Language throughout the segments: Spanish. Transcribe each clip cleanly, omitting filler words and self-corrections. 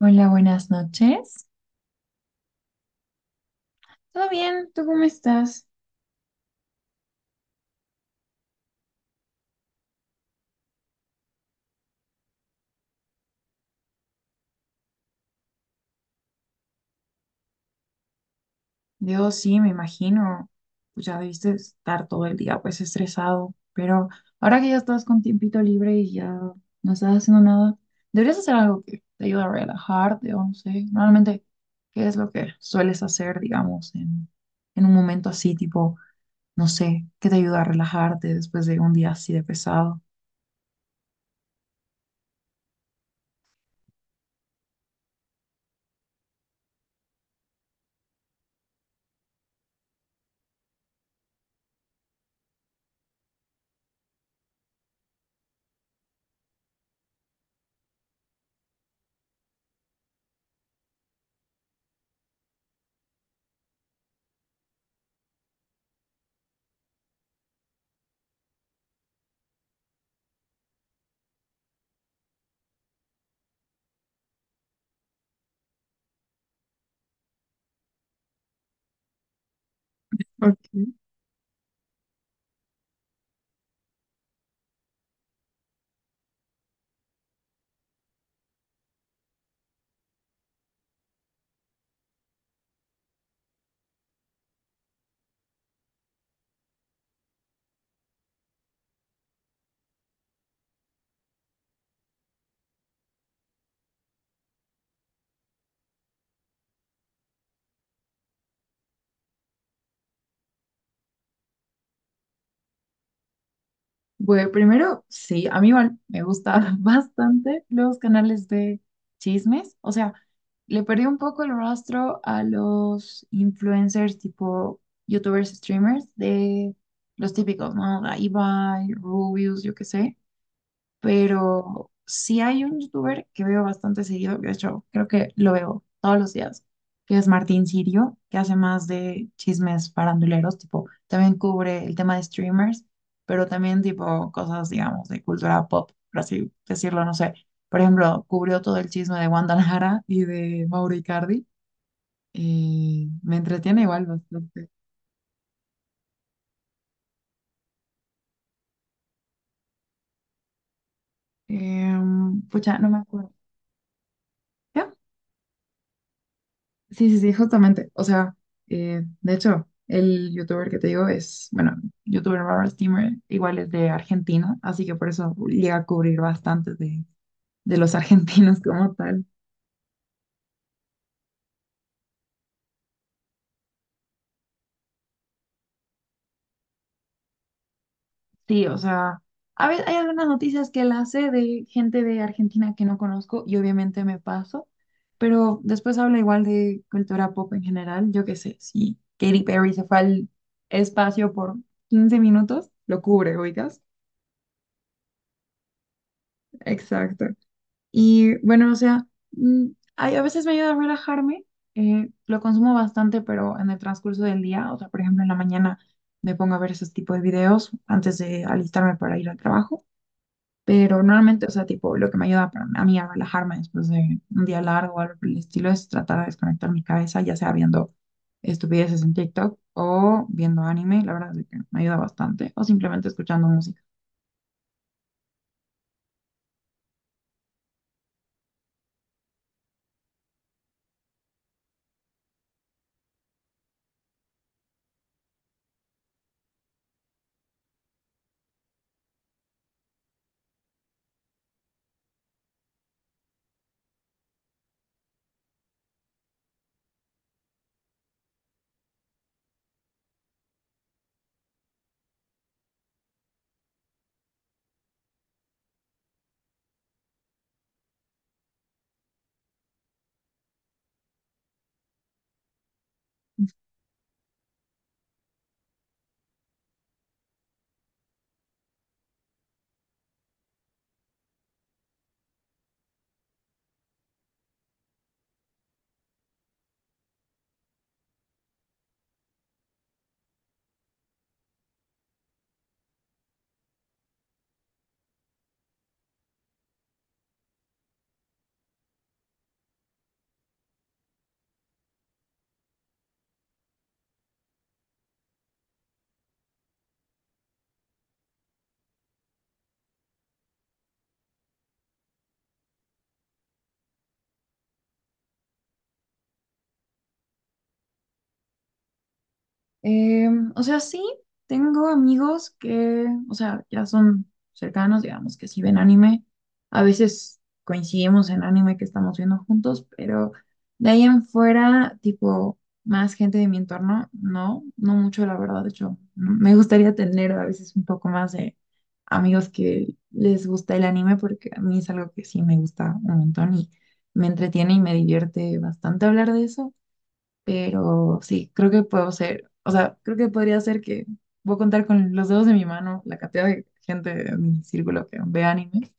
Hola, buenas noches. ¿Todo bien? ¿Tú cómo estás? Dios, sí, me imagino. Pues ya debiste estar todo el día pues estresado, pero ahora que ya estás con tiempito libre y ya no estás haciendo nada, deberías hacer algo que te ayude a relajarte o no sé. Normalmente, ¿qué es lo que sueles hacer, digamos, en un momento así, tipo, no sé, ¿qué te ayuda a relajarte después de un día así de pesado? Ok. Bueno, primero, sí, a mí igual me gusta bastante los canales de chismes. O sea, le perdí un poco el rastro a los influencers tipo youtubers, streamers de los típicos, ¿no? La Ibai, Rubius, yo qué sé, pero sí hay un youtuber que veo bastante seguido, de hecho, creo que lo veo todos los días, que es Martín Sirio, que hace más de chismes faranduleros, tipo, también cubre el tema de streamers, pero también tipo cosas, digamos, de cultura pop, por así decirlo, no sé. Por ejemplo, cubrió todo el chisme de Wanda Nara y de Mauro Icardi, y me entretiene igual bastante. Pucha, no me acuerdo. ¿Qué? Sí, sí, sí, justamente. O sea, de hecho, el youtuber que te digo es, bueno, youtuber Robert Steamer, igual es de Argentina, así que por eso llega a cubrir bastante de los argentinos como tal. Sí, o sea, a veces hay algunas noticias que las sé de gente de Argentina que no conozco y obviamente me paso, pero después habla igual de cultura pop en general. Yo qué sé, si Katy Perry se fue al espacio por 15 minutos, lo cubre, oigas. Exacto. Y bueno, o sea, mm, ay, a veces me ayuda a relajarme, lo consumo bastante, pero en el transcurso del día, o sea, por ejemplo, en la mañana me pongo a ver esos tipos de videos antes de alistarme para ir al trabajo, pero normalmente, o sea, tipo, lo que me ayuda a mí a relajarme después de un día largo o algo por el estilo es tratar de desconectar mi cabeza, ya sea viendo estupideces en TikTok o viendo anime, la verdad es que me ayuda bastante, o simplemente escuchando música. Eh, o sea, sí, tengo amigos que, o sea, ya son cercanos, digamos, que sí ven anime. A veces coincidimos en anime que estamos viendo juntos, pero de ahí en fuera, tipo, más gente de mi entorno, no, no mucho, la verdad. De hecho, me gustaría tener a veces un poco más de amigos que les gusta el anime, porque a mí es algo que sí me gusta un montón y me entretiene y me divierte bastante hablar de eso. Pero sí, creo que puedo ser, o sea, creo que podría ser que voy a contar con los dedos de mi mano la cantidad de gente de mi círculo que ve anime.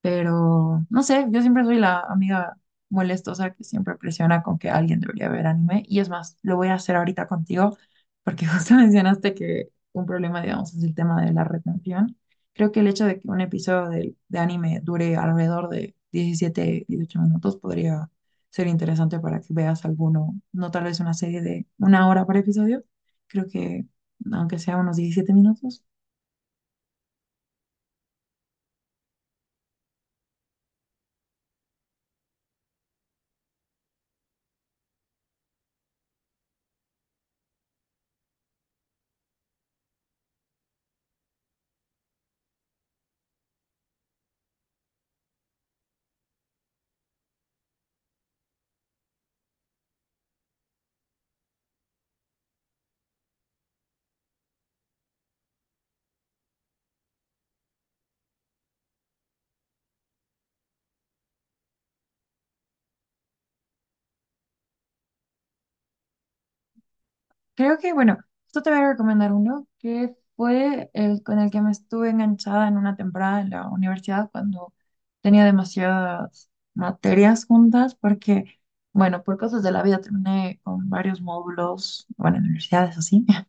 Pero no sé, yo siempre soy la amiga molestosa que siempre presiona con que alguien debería ver anime. Y es más, lo voy a hacer ahorita contigo, porque justo mencionaste que un problema, digamos, es el tema de la retención. Creo que el hecho de que un episodio de anime dure alrededor de 17 18 minutos podría ser interesante para que veas alguno, no tal vez una serie de una hora por episodio. Creo que, aunque sea unos 17 minutos, creo que, bueno, esto te voy a recomendar uno que fue el con el que me estuve enganchada en una temporada en la universidad cuando tenía demasiadas materias juntas, porque, bueno, por cosas de la vida terminé con varios módulos, bueno, en universidades así,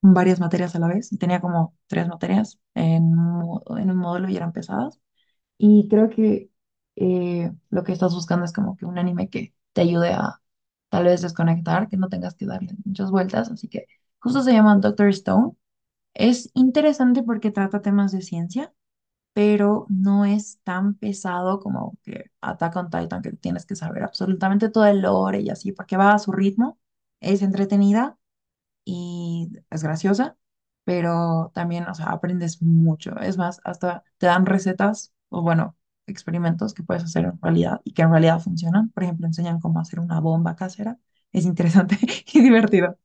varias materias a la vez, y tenía como tres materias en un módulo y eran pesadas. Y creo que lo que estás buscando es como que un anime que te ayude a tal vez desconectar, que no tengas que darle muchas vueltas. Así que justo se llama Doctor Stone. Es interesante porque trata temas de ciencia, pero no es tan pesado como que Attack on Titan, que tienes que saber absolutamente todo el lore y así, porque va a su ritmo. Es entretenida y es graciosa, pero también, o sea, aprendes mucho. Es más, hasta te dan recetas o, bueno, experimentos que puedes hacer en realidad y que en realidad funcionan. Por ejemplo, enseñan cómo hacer una bomba casera. Es interesante y divertido.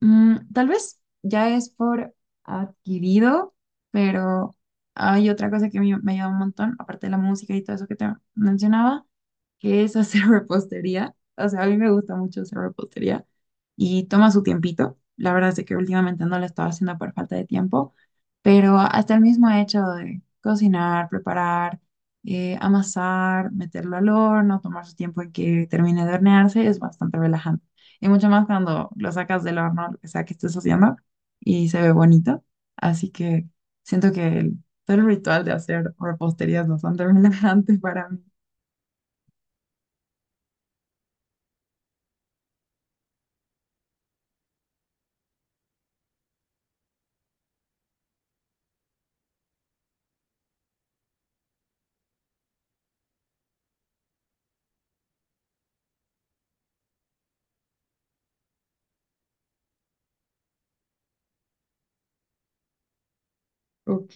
Tal vez ya es por adquirido, pero hay otra cosa que me ayuda un montón, aparte de la música y todo eso que te mencionaba, que es hacer repostería. O sea, a mí me gusta mucho hacer repostería y toma su tiempito. La verdad es de que últimamente no la estaba haciendo por falta de tiempo, pero hasta el mismo hecho de cocinar, preparar, amasar, meterlo al horno, tomar su tiempo en que termine de hornearse es bastante relajante. Y mucho más cuando lo sacas del horno, lo que sea que estés haciendo, y se ve bonito. Así que siento que todo el ritual de hacer repostería es bastante relajante para mí. Ok,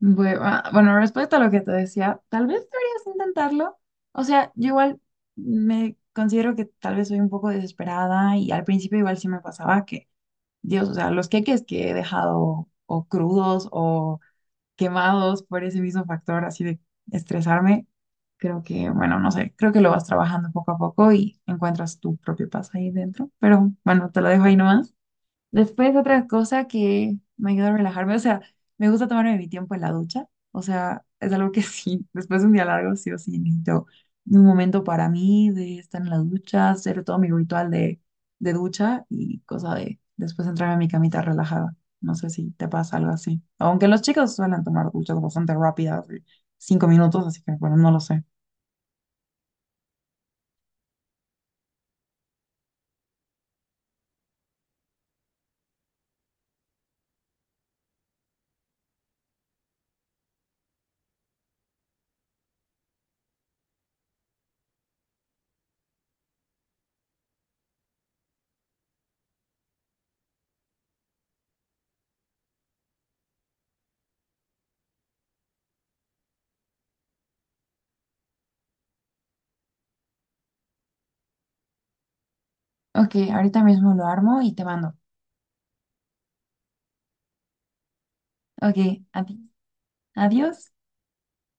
bueno, respecto a lo que te decía, tal vez deberías intentarlo. O sea, yo igual me considero que tal vez soy un poco desesperada y al principio igual sí me pasaba que, Dios, o sea, los queques que he dejado o crudos o quemados por ese mismo factor así de estresarme, creo que, bueno, no sé, creo que lo vas trabajando poco a poco y encuentras tu propio paz ahí dentro. Pero bueno, te lo dejo ahí nomás. Después, otra cosa que me ayuda a relajarme, o sea, me gusta tomarme mi tiempo en la ducha, o sea, es algo que sí, después de un día largo, sí o sí, necesito un momento para mí de estar en la ducha, hacer todo mi ritual de, ducha y cosa de después entrarme a mi camita relajada. No sé si te pasa algo así. Aunque los chicos suelen tomar duchas bastante rápidas, de 5 minutos, así que bueno, no lo sé. Ok, ahorita mismo lo armo y te mando. Ok, adi- adiós.